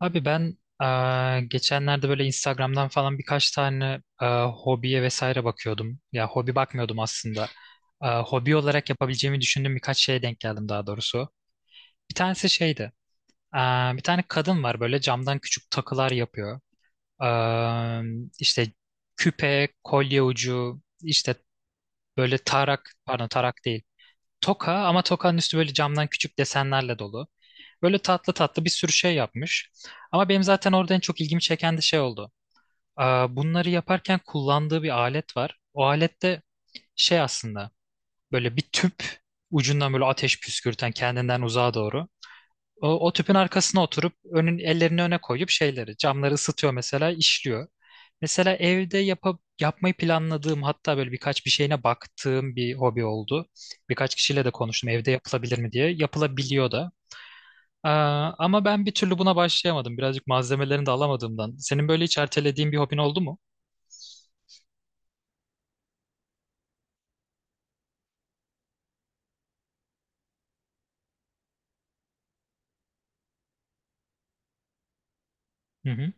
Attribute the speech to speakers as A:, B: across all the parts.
A: Abi ben geçenlerde böyle Instagram'dan falan birkaç tane hobiye vesaire bakıyordum. Ya hobi bakmıyordum aslında. Hobi olarak yapabileceğimi düşündüğüm birkaç şeye denk geldim daha doğrusu. Bir tanesi şeydi. Bir tane kadın var böyle camdan küçük takılar yapıyor. Eee işte küpe, kolye ucu, işte böyle tarak, pardon tarak değil. Toka ama tokanın üstü böyle camdan küçük desenlerle dolu. Böyle tatlı tatlı bir sürü şey yapmış. Ama benim zaten orada en çok ilgimi çeken de şey oldu. Aa, bunları yaparken kullandığı bir alet var. O alette şey aslında böyle bir tüp ucundan böyle ateş püskürten kendinden uzağa doğru. O tüpün arkasına oturup önün ellerini öne koyup şeyleri camları ısıtıyor mesela işliyor. Mesela evde yapıp yapmayı planladığım hatta böyle birkaç bir şeyine baktığım bir hobi oldu. Birkaç kişiyle de konuştum evde yapılabilir mi diye. Yapılabiliyor da. Ee, Ama ben bir türlü buna başlayamadım. Birazcık malzemelerini de alamadığımdan. Senin böyle hiç ertelediğin bir hobin oldu mu? Hı hı.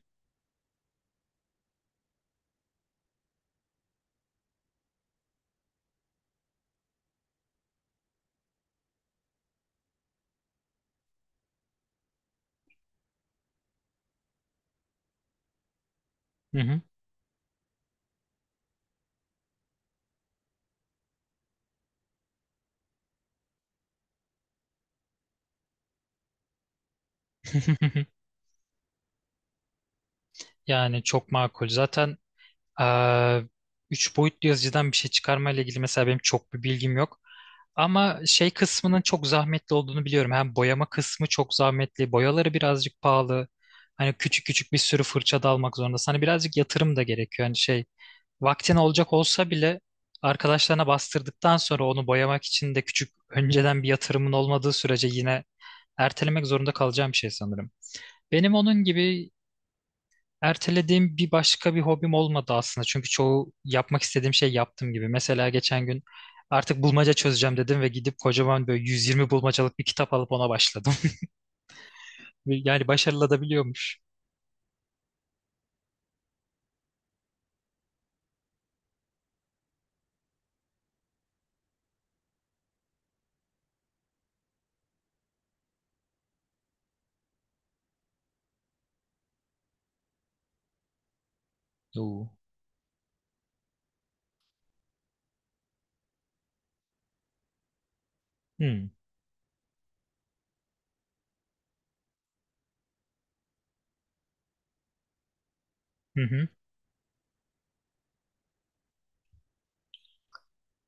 A: Hı hı. Yani çok makul. Zaten eee üç boyutlu yazıcıdan bir şey çıkarma ile ilgili mesela benim çok bir bilgim yok. Ama şey kısmının çok zahmetli olduğunu biliyorum. Hem boyama kısmı çok zahmetli, boyaları birazcık pahalı. Hani küçük küçük bir sürü fırça da almak zorundasın. Hani birazcık yatırım da gerekiyor. Hani şey vaktin olacak olsa bile arkadaşlarına bastırdıktan sonra onu boyamak için de küçük önceden bir yatırımın olmadığı sürece yine ertelemek zorunda kalacağım bir şey sanırım. Benim onun gibi ertelediğim bir başka bir hobim olmadı aslında. Çünkü çoğu yapmak istediğim şey yaptım gibi. Mesela geçen gün artık bulmaca çözeceğim dedim ve gidip kocaman böyle 120 bulmacalık bir kitap alıp ona başladım. Yani başarılı da biliyormuş. Oo. Hmm. Hı hı.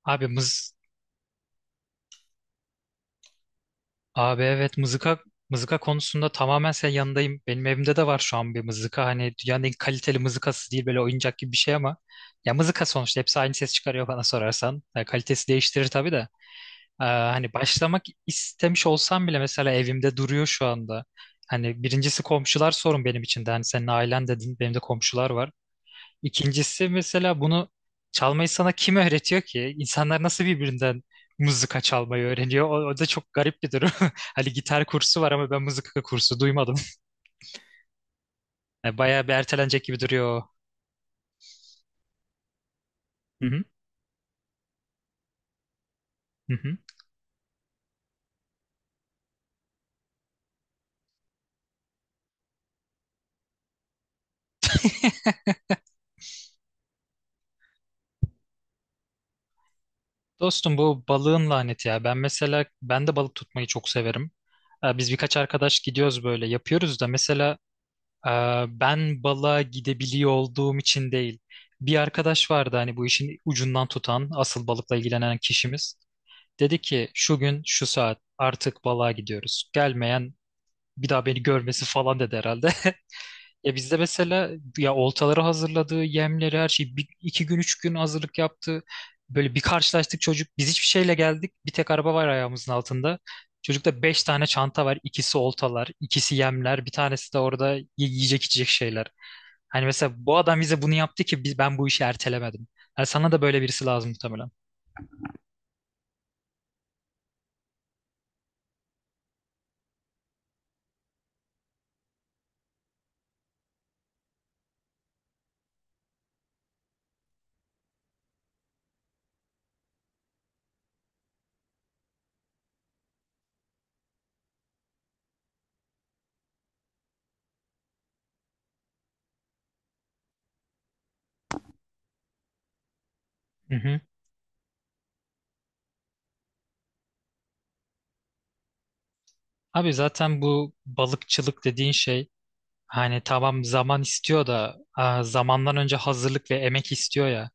A: Abi mız- Abi evet, mızıka konusunda tamamen senin yanındayım. Benim evimde de var şu an bir mızıka. Hani dünyanın en kaliteli mızıkası değil böyle oyuncak gibi bir şey ama ya mızıka sonuçta hepsi aynı ses çıkarıyor bana sorarsan. Ya kalitesi değiştirir tabii de. Hani başlamak istemiş olsam bile mesela evimde duruyor şu anda. Hani birincisi komşular sorun benim için de. Hani senin ailen dedin benim de komşular var. İkincisi mesela bunu çalmayı sana kim öğretiyor ki? İnsanlar nasıl birbirinden mızıka çalmayı öğreniyor? O da çok garip bir durum. Hani gitar kursu var ama ben mızıka kursu duymadım. Yani bayağı bir ertelenecek gibi duruyor. O. Hı hı, hı hı. Dostum bu balığın laneti ya. Ben mesela ben de balık tutmayı çok severim. Biz birkaç arkadaş gidiyoruz böyle yapıyoruz da mesela e, ben balığa gidebiliyor olduğum için değil. Bir arkadaş vardı hani bu işin ucundan tutan asıl balıkla ilgilenen kişimiz. Dedi ki şu gün şu saat artık balığa gidiyoruz. Gelmeyen bir daha beni görmesi falan dedi herhalde. Ya bizde mesela ya oltaları hazırladığı yemleri her şeyi bir, iki gün üç gün hazırlık yaptı. Böyle bir karşılaştık çocuk biz hiçbir şeyle geldik. Bir tek araba var ayağımızın altında. Çocukta beş tane çanta var. İkisi oltalar, ikisi yemler, bir tanesi de orada yiyecek içecek şeyler. Hani mesela bu adam bize bunu yaptı ki biz, ben bu işi ertelemedim. Yani sana da böyle birisi lazım muhtemelen. Abi zaten bu balıkçılık dediğin şey hani tamam zaman istiyor da aa, zamandan önce hazırlık ve emek istiyor ya.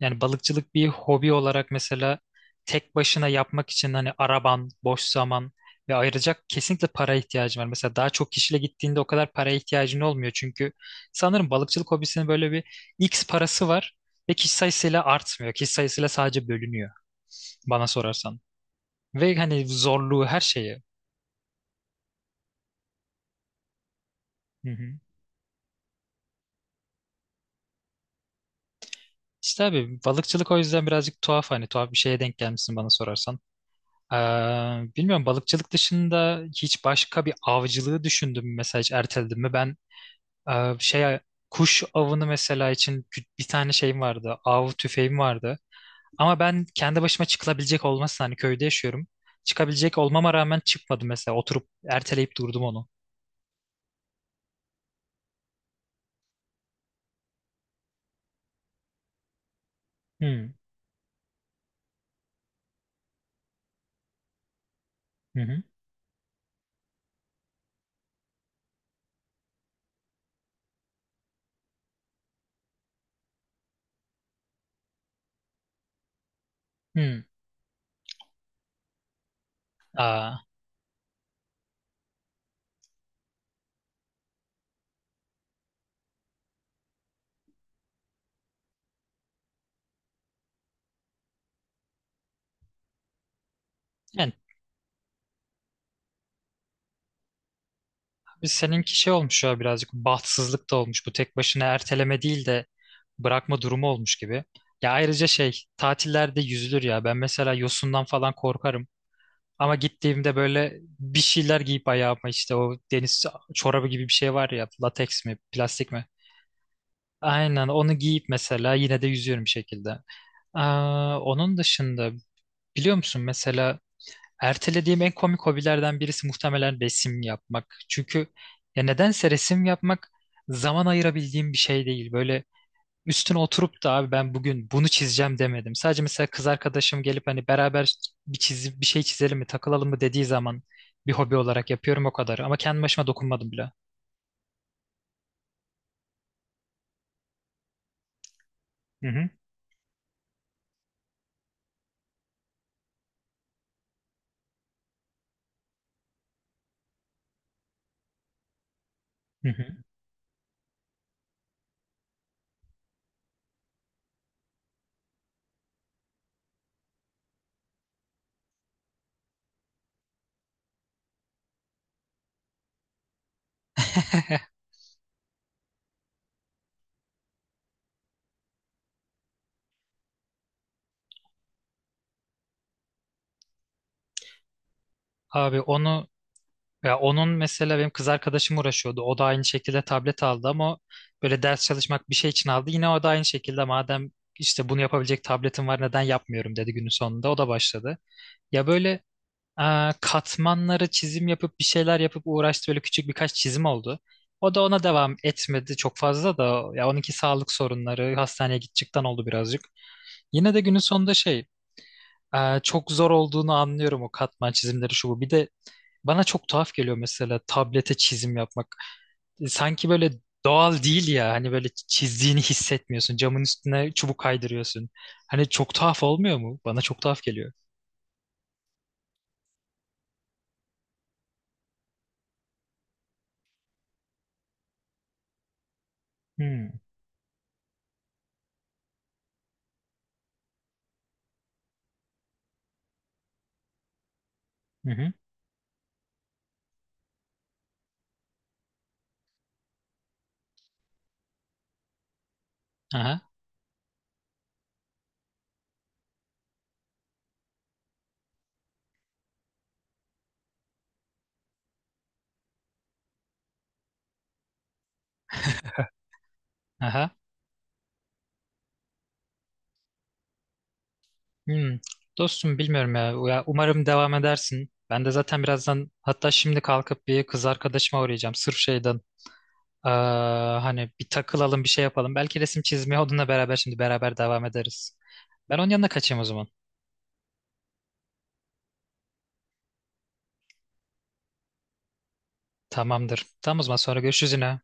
A: Yani balıkçılık bir hobi olarak mesela tek başına yapmak için hani araban, boş zaman ve ayıracak kesinlikle para ihtiyacın var. Mesela daha çok kişiyle gittiğinde o kadar paraya ihtiyacın olmuyor. Çünkü sanırım balıkçılık hobisinin böyle bir X parası var ve kişi sayısıyla artmıyor. Kişi sayısıyla sadece bölünüyor bana sorarsan. Ve hani zorluğu her şeyi. Hı hı. İşte abi balıkçılık o yüzden birazcık tuhaf hani tuhaf bir şeye denk gelmişsin bana sorarsan. Ee, Bilmiyorum balıkçılık dışında hiç başka bir avcılığı düşündüm mü, mesela hiç erteledim mi? Ben şey kuş avını mesela için bir tane şeyim vardı av tüfeğim vardı. Ama ben kendi başıma çıkılabilecek olmasın hani köyde yaşıyorum. Çıkabilecek olmama rağmen çıkmadım mesela oturup erteleyip durdum onu. Hmm, hı hı. Hı. Aa, yani seninki şey olmuş ya birazcık bahtsızlık da olmuş. Bu tek başına erteleme değil de bırakma durumu olmuş gibi. Ya ayrıca şey tatillerde yüzülür ya. Ben mesela yosundan falan korkarım. Ama gittiğimde böyle bir şeyler giyip ayağıma işte o deniz çorabı gibi bir şey var ya lateks mi plastik mi? Aynen onu giyip mesela yine de yüzüyorum bir şekilde. Aa, onun dışında biliyor musun mesela ertelediğim en komik hobilerden birisi muhtemelen resim yapmak. Çünkü ya nedense resim yapmak zaman ayırabildiğim bir şey değil. Böyle üstüne oturup da abi ben bugün bunu çizeceğim demedim. Sadece mesela kız arkadaşım gelip hani beraber bir çizip bir şey çizelim mi, takılalım mı dediği zaman bir hobi olarak yapıyorum o kadar. Ama kendi başıma dokunmadım bile. Hı hı. Hı hı. Abi onu ya onun mesela benim kız arkadaşım uğraşıyordu. O da aynı şekilde tablet aldı ama böyle ders çalışmak bir şey için aldı. Yine o da aynı şekilde madem işte bunu yapabilecek tabletim var neden yapmıyorum dedi günün sonunda. O da başladı. Ya böyle aa, katmanları çizim yapıp bir şeyler yapıp uğraştı. Böyle küçük birkaç çizim oldu. O da ona devam etmedi çok fazla da ya onunki sağlık sorunları hastaneye gidecekten oldu birazcık. Yine de günün sonunda şey aa, çok zor olduğunu anlıyorum o katman çizimleri şu bu. Bir de bana çok tuhaf geliyor mesela tablete çizim yapmak. Sanki böyle doğal değil ya. Hani böyle çizdiğini hissetmiyorsun. Camın üstüne çubuk kaydırıyorsun. Hani çok tuhaf olmuyor mu? Bana çok tuhaf geliyor. Hmm. Hı hı. Aha. Aha. Hmm. Dostum bilmiyorum ya. Ya umarım devam edersin. Ben de zaten birazdan hatta şimdi kalkıp bir kız arkadaşıma uğrayacağım. Sırf şeyden. Aa, hani bir takılalım bir şey yapalım. Belki resim çizmeye onunla beraber şimdi beraber devam ederiz. Ben onun yanına kaçayım o zaman. Tamamdır. Tamam o zaman sonra görüşürüz yine.